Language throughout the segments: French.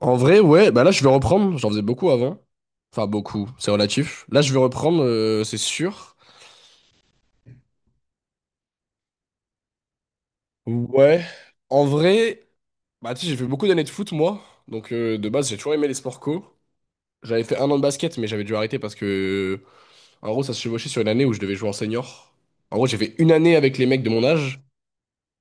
En vrai, ouais, bah là je vais reprendre, j'en faisais beaucoup avant. Enfin beaucoup, c'est relatif. Là je vais reprendre, c'est sûr. Ouais. En vrai, bah tu sais, j'ai fait beaucoup d'années de foot moi. Donc de base j'ai toujours aimé les sports co. J'avais fait un an de basket mais j'avais dû arrêter parce que en gros ça se chevauchait sur une année où je devais jouer en senior. En gros j'ai fait une année avec les mecs de mon âge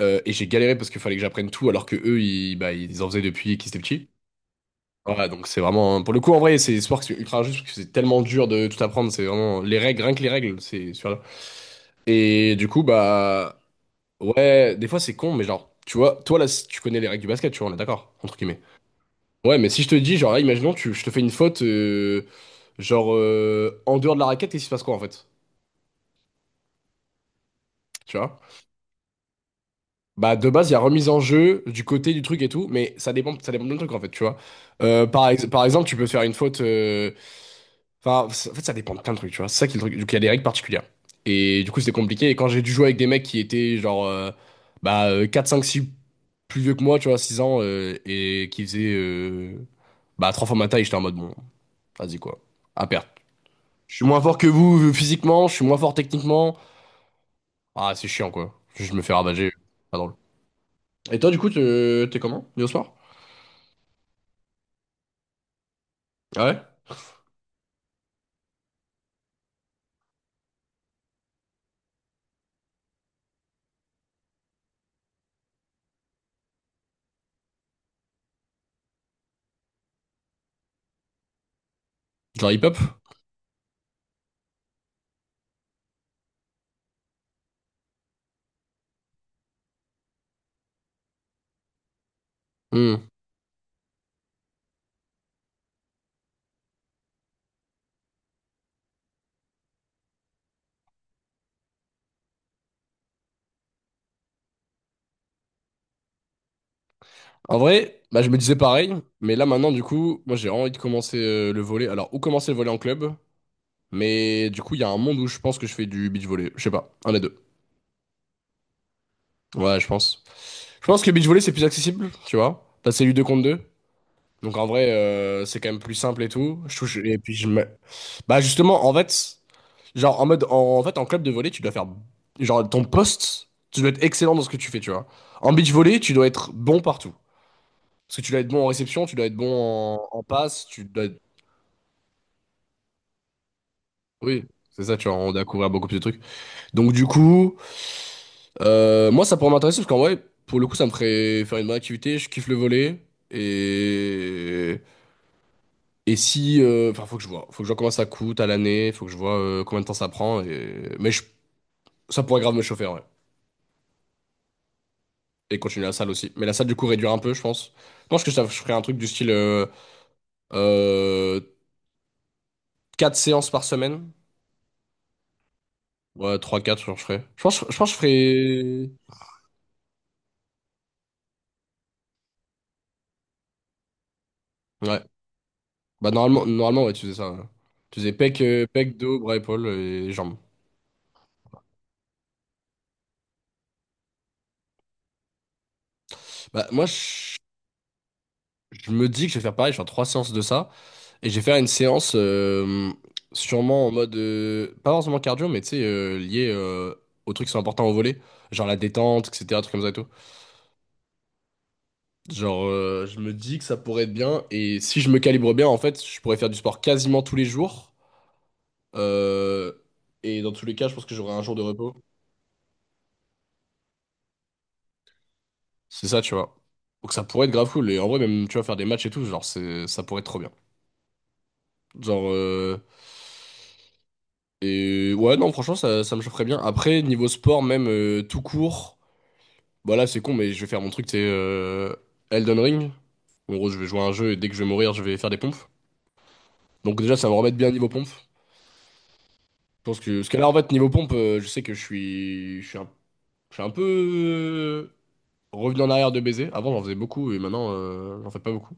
et j'ai galéré parce qu'il fallait que j'apprenne tout alors que eux ils, bah, ils en faisaient depuis qu'ils étaient petits. Ouais, donc c'est vraiment. Pour le coup, en vrai, c'est sport que c'est ultra juste parce que c'est tellement dur de tout apprendre. C'est vraiment les règles, rien que les règles, c'est sur là. Et du coup, bah. Ouais, des fois c'est con, mais genre, tu vois, toi là, si tu connais les règles du basket, tu vois, on est d'accord, entre guillemets. Ouais, mais si je te dis, genre là, imaginons, je te fais une faute, genre, en dehors de la raquette, et il se passe quoi en fait? Tu vois? Bah, de base, il y a remise en jeu du côté du truc et tout, mais ça dépend de truc en fait, tu vois. Par exemple, tu peux faire une faute. Enfin, en fait, ça dépend de plein de trucs, tu vois. C'est ça qui est le truc. Donc, il y a des règles particulières. Et du coup, c'était compliqué. Et quand j'ai dû jouer avec des mecs qui étaient genre bah, 4, 5, 6 plus vieux que moi, tu vois, 6 ans, et qui faisaient bah, 3 fois ma taille, j'étais en mode bon, vas-y quoi, à perte. Je suis moins fort que vous physiquement, je suis moins fort techniquement. Ah, c'est chiant quoi. Je me fais ravager. Pas drôle. Et toi, du coup, t'es comment, hier soir? Ah ouais? Genre hip-hop? Hmm. En vrai, bah, je me disais pareil, mais là maintenant, du coup, moi j'ai vraiment envie de commencer le volley. Alors, ou commencer le volley en club, mais du coup, il y a un monde où je pense que je fais du beach volley. Je sais pas, un des deux. Ouais, je pense. Je pense que beach volley c'est plus accessible, tu vois. T'as c'est du 2 contre 2. Donc en vrai, c'est quand même plus simple et tout. Je touche, et puis je me. Bah justement, en fait, genre en mode, en fait, en club de volley, tu dois faire. Genre ton poste, tu dois être excellent dans ce que tu fais, tu vois. En beach volley, tu dois être bon partout. Parce que tu dois être bon en réception, tu dois être bon en passe, tu dois. Oui, c'est ça, tu vas on a couvert beaucoup plus de trucs. Donc du coup, moi ça pourrait m'intéresser parce qu'en vrai, pour le coup, ça me ferait faire une bonne activité, je kiffe le volet. Et, et si... Enfin, faut que je vois. Faut que je vois combien ça coûte à l'année, faut que je vois combien de temps ça prend. Et... Mais ça pourrait grave me chauffer, ouais. Et continuer la salle aussi. Mais la salle, du coup, réduire un peu, je pense. Je pense que ça, je ferais un truc du style euh, 4 séances par semaine. Ouais, trois quatre genre, je ferais. Je pense que je ferais... Ouais. Bah normalement ouais, tu faisais ça. Ouais. Tu faisais pec, dos, bras, épaules et jambes. Bah moi, je me dis que je vais faire pareil, je vais faire 3 séances de ça. Et je vais faire une séance sûrement en mode... pas forcément cardio, mais tu sais, lié aux trucs qui sont importants au volet. Genre la détente, etc. Trucs comme ça et tout. Genre, je me dis que ça pourrait être bien. Et si je me calibre bien, en fait, je pourrais faire du sport quasiment tous les jours. Euh, et dans tous les cas, je pense que j'aurai un jour de repos. C'est ça, tu vois. Donc ça pourrait être grave cool. Et en vrai, même, tu vois, faire des matchs et tout, genre, c'est, ça pourrait être trop bien. Genre, et ouais, non, franchement, ça me chaufferait bien. Après, niveau sport, même tout court, bah là, c'est con, mais je vais faire mon truc, c'est Elden Ring. En gros, je vais jouer à un jeu et dès que je vais mourir, je vais faire des pompes. Donc déjà, ça va me remettre bien niveau pompe. Je pense que, parce que là, en fait, niveau pompe, je sais que je suis un peu revenu en arrière de baiser. Avant, j'en faisais beaucoup et maintenant, j'en fais pas beaucoup.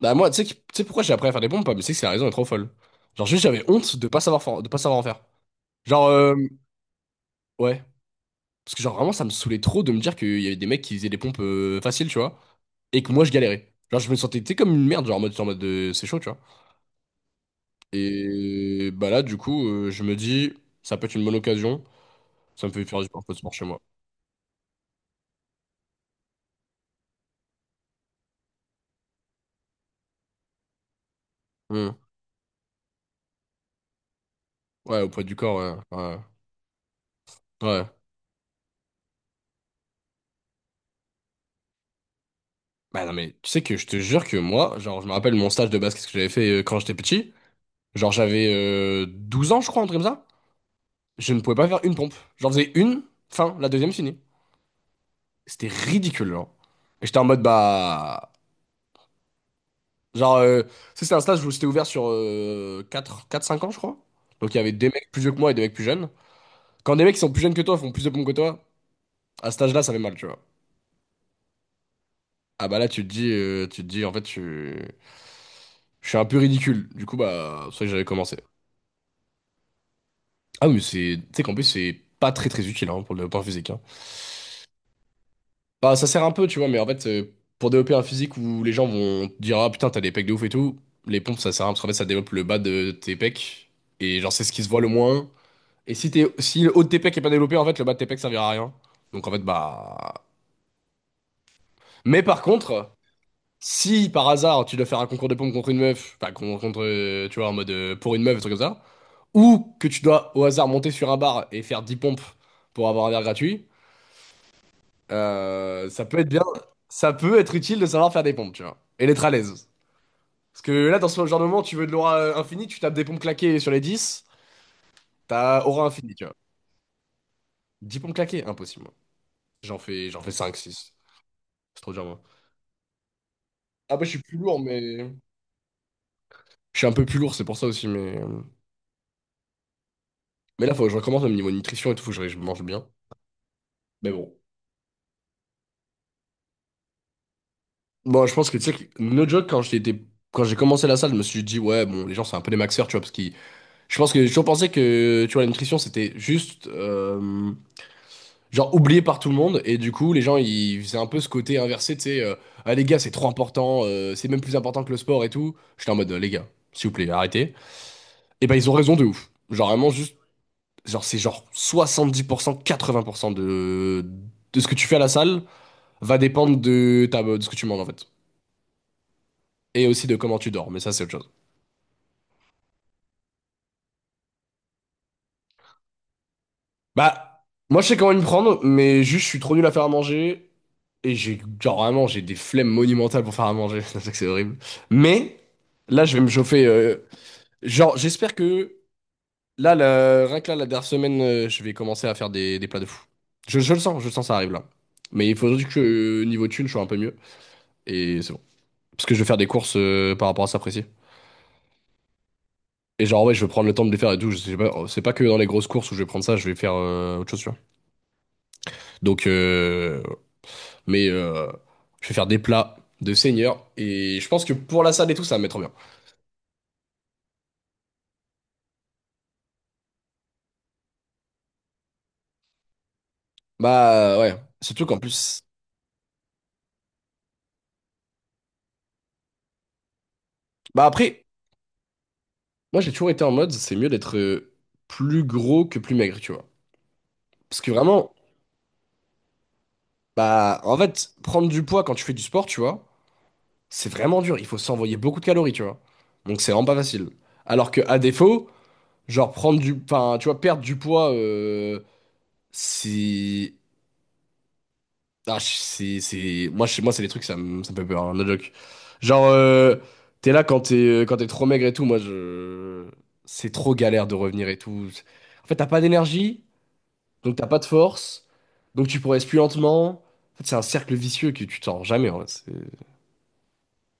Bah moi, tu sais pourquoi j'ai appris à faire des pompes? Pas, mais c'est que c'est la raison est trop folle. Genre juste j'avais honte de pas de pas savoir en faire. Genre ouais, parce que genre vraiment ça me saoulait trop de me dire qu'il y avait des mecs qui faisaient des pompes faciles, tu vois, et que moi je galérais. Genre je me sentais tu sais, comme une merde, genre en mode de c'est chaud, tu vois. Et bah là du coup je me dis ça peut être une bonne occasion, ça me fait faire du un peu de sport chez moi. Hmm. Ouais, au poids du corps, ouais, ouais, ouais. Bah non mais tu sais que je te jure que moi, genre je me rappelle mon stage de basket que j'avais fait quand j'étais petit. Genre j'avais 12 ans, je crois, un truc comme ça. Je ne pouvais pas faire une pompe. J'en faisais une, fin, la deuxième finie. C'était ridicule, genre. Et j'étais en mode, bah... Genre, tu sais, c'est un stage où c'était ouvert sur quatre cinq ans, je crois. Donc il y avait des mecs plus vieux que moi et des mecs plus jeunes. Quand des mecs qui sont plus jeunes que toi font plus de pompes que toi, à cet âge-là, ça fait mal, tu vois. Ah bah là, tu te dis, en fait, tu... je suis un peu ridicule. Du coup, bah, c'est pour ça que j'avais commencé. Ah oui, mais c'est... Tu sais qu'en plus, c'est pas très très utile hein, pour le point physique. Hein. Bah, ça sert un peu, tu vois, mais en fait, pour développer un physique où les gens vont te dire, ah putain, t'as des pecs de ouf et tout, les pompes, ça sert à rien, parce qu'en fait, ça développe le bas de tes pecs, et genre, c'est ce qui se voit le moins. Et si si le haut de tes pecs est pas développé, en fait, le bas de tes pecs servira à rien. Donc, en fait, bah. Mais par contre, si par hasard, tu dois faire un concours de pompes contre une meuf, enfin, contre, tu vois, en mode pour une meuf, un truc comme ça, ou que tu dois au hasard monter sur un bar et faire 10 pompes pour avoir un verre gratuit. Ça peut être bien, ça peut être utile de savoir faire des pompes, tu vois, et d'être à l'aise. Parce que là, dans ce genre de moment, tu veux de l'aura infinie, tu tapes des pompes claquées sur les 10, t'as aura infinie, tu vois. 10 pompes claquées, impossible. Moi. J'en fais 5, six. C'est trop dur, moi. Ah bah, je suis plus lourd, mais... Je suis un peu plus lourd, c'est pour ça aussi, mais... Mais là, faut que je recommence même niveau nutrition et tout, faut que je mange bien. Mais bon. Bon, je pense que, tu sais, que, no joke, quand j'étais... Quand j'ai commencé la salle, je me suis dit, ouais, bon, les gens, c'est un peu des maxeurs, tu vois, parce qu'ils... Je pense que j'ai toujours pensé que, tu vois, la nutrition, c'était juste... genre oublié par tout le monde. Et du coup, les gens ils faisaient un peu ce côté inversé, tu sais, ah les gars c'est trop important, c'est même plus important que le sport et tout. J'étais en mode les gars s'il vous plaît arrêtez. Et ben ils ont raison de ouf, genre vraiment juste, genre c'est genre 70% 80% de ce que tu fais à la salle va dépendre de ta de ce que tu manges en fait. Et aussi de comment tu dors, mais ça c'est autre chose. Bah, moi je sais comment me prendre, mais juste je suis trop nul à faire à manger. Et j'ai, genre vraiment, j'ai des flemmes monumentales pour faire à manger. C'est ça que c'est horrible. Mais là, je vais me chauffer. Genre, j'espère que là, rien que là, la dernière semaine, je vais commencer à faire des, plats de fou. Je le sens, ça arrive là. Mais il faut juste que niveau thune, je sois un peu mieux. Et c'est bon. Parce que je vais faire des courses par rapport à ça précis. Et genre, ouais, je vais prendre le temps de les faire et tout. Je sais pas, c'est pas que dans les grosses courses où je vais prendre ça, je vais faire autre chose, tu vois. Donc, euh, Mais je vais faire des plats de seigneur. Et je pense que pour la salle et tout, ça va me mettre bien. Bah ouais. Surtout qu'en plus. Bah après, moi j'ai toujours été en mode, c'est mieux d'être plus gros que plus maigre, tu vois. Parce que vraiment, bah en fait, prendre du poids quand tu fais du sport, tu vois, c'est vraiment dur. Il faut s'envoyer beaucoup de calories, tu vois. Donc c'est vraiment pas facile. Alors que à défaut, genre prendre du. Enfin, tu vois, perdre du poids, c'est. Ah, c'est... Moi, chez moi, c'est des trucs, ça me fait peur, hein, no joke. Genre, t'es là quand t'es trop maigre et tout, moi, je... C'est trop galère de revenir et tout. En fait, t'as pas d'énergie, donc t'as pas de force, donc tu progresses plus lentement. En fait, c'est un cercle vicieux que tu t'en rends jamais, en vrai. Je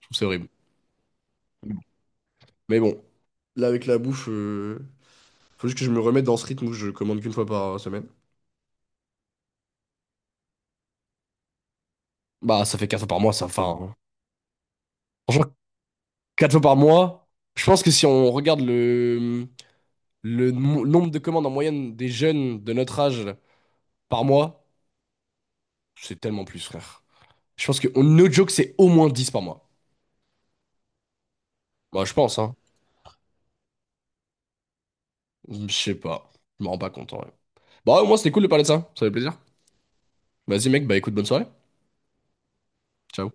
trouve ça horrible. Mais bon, là, avec la bouffe, faut juste que je me remette dans ce rythme où je commande qu'une fois par semaine. Bah, ça fait quatre fois par mois, ça. Enfin, franchement, quatre fois par mois, je pense que si on regarde le... Le nombre de commandes en moyenne des jeunes de notre âge par mois, c'est tellement plus, frère. Je pense que, no joke, c'est au moins 10 par mois. Bah, je pense, hein. Je sais pas. Je me rends pas compte, en vrai. Bah, au moins, c'était cool de parler de ça. Ça fait plaisir. Vas-y, mec, bah écoute, bonne soirée. Ciao.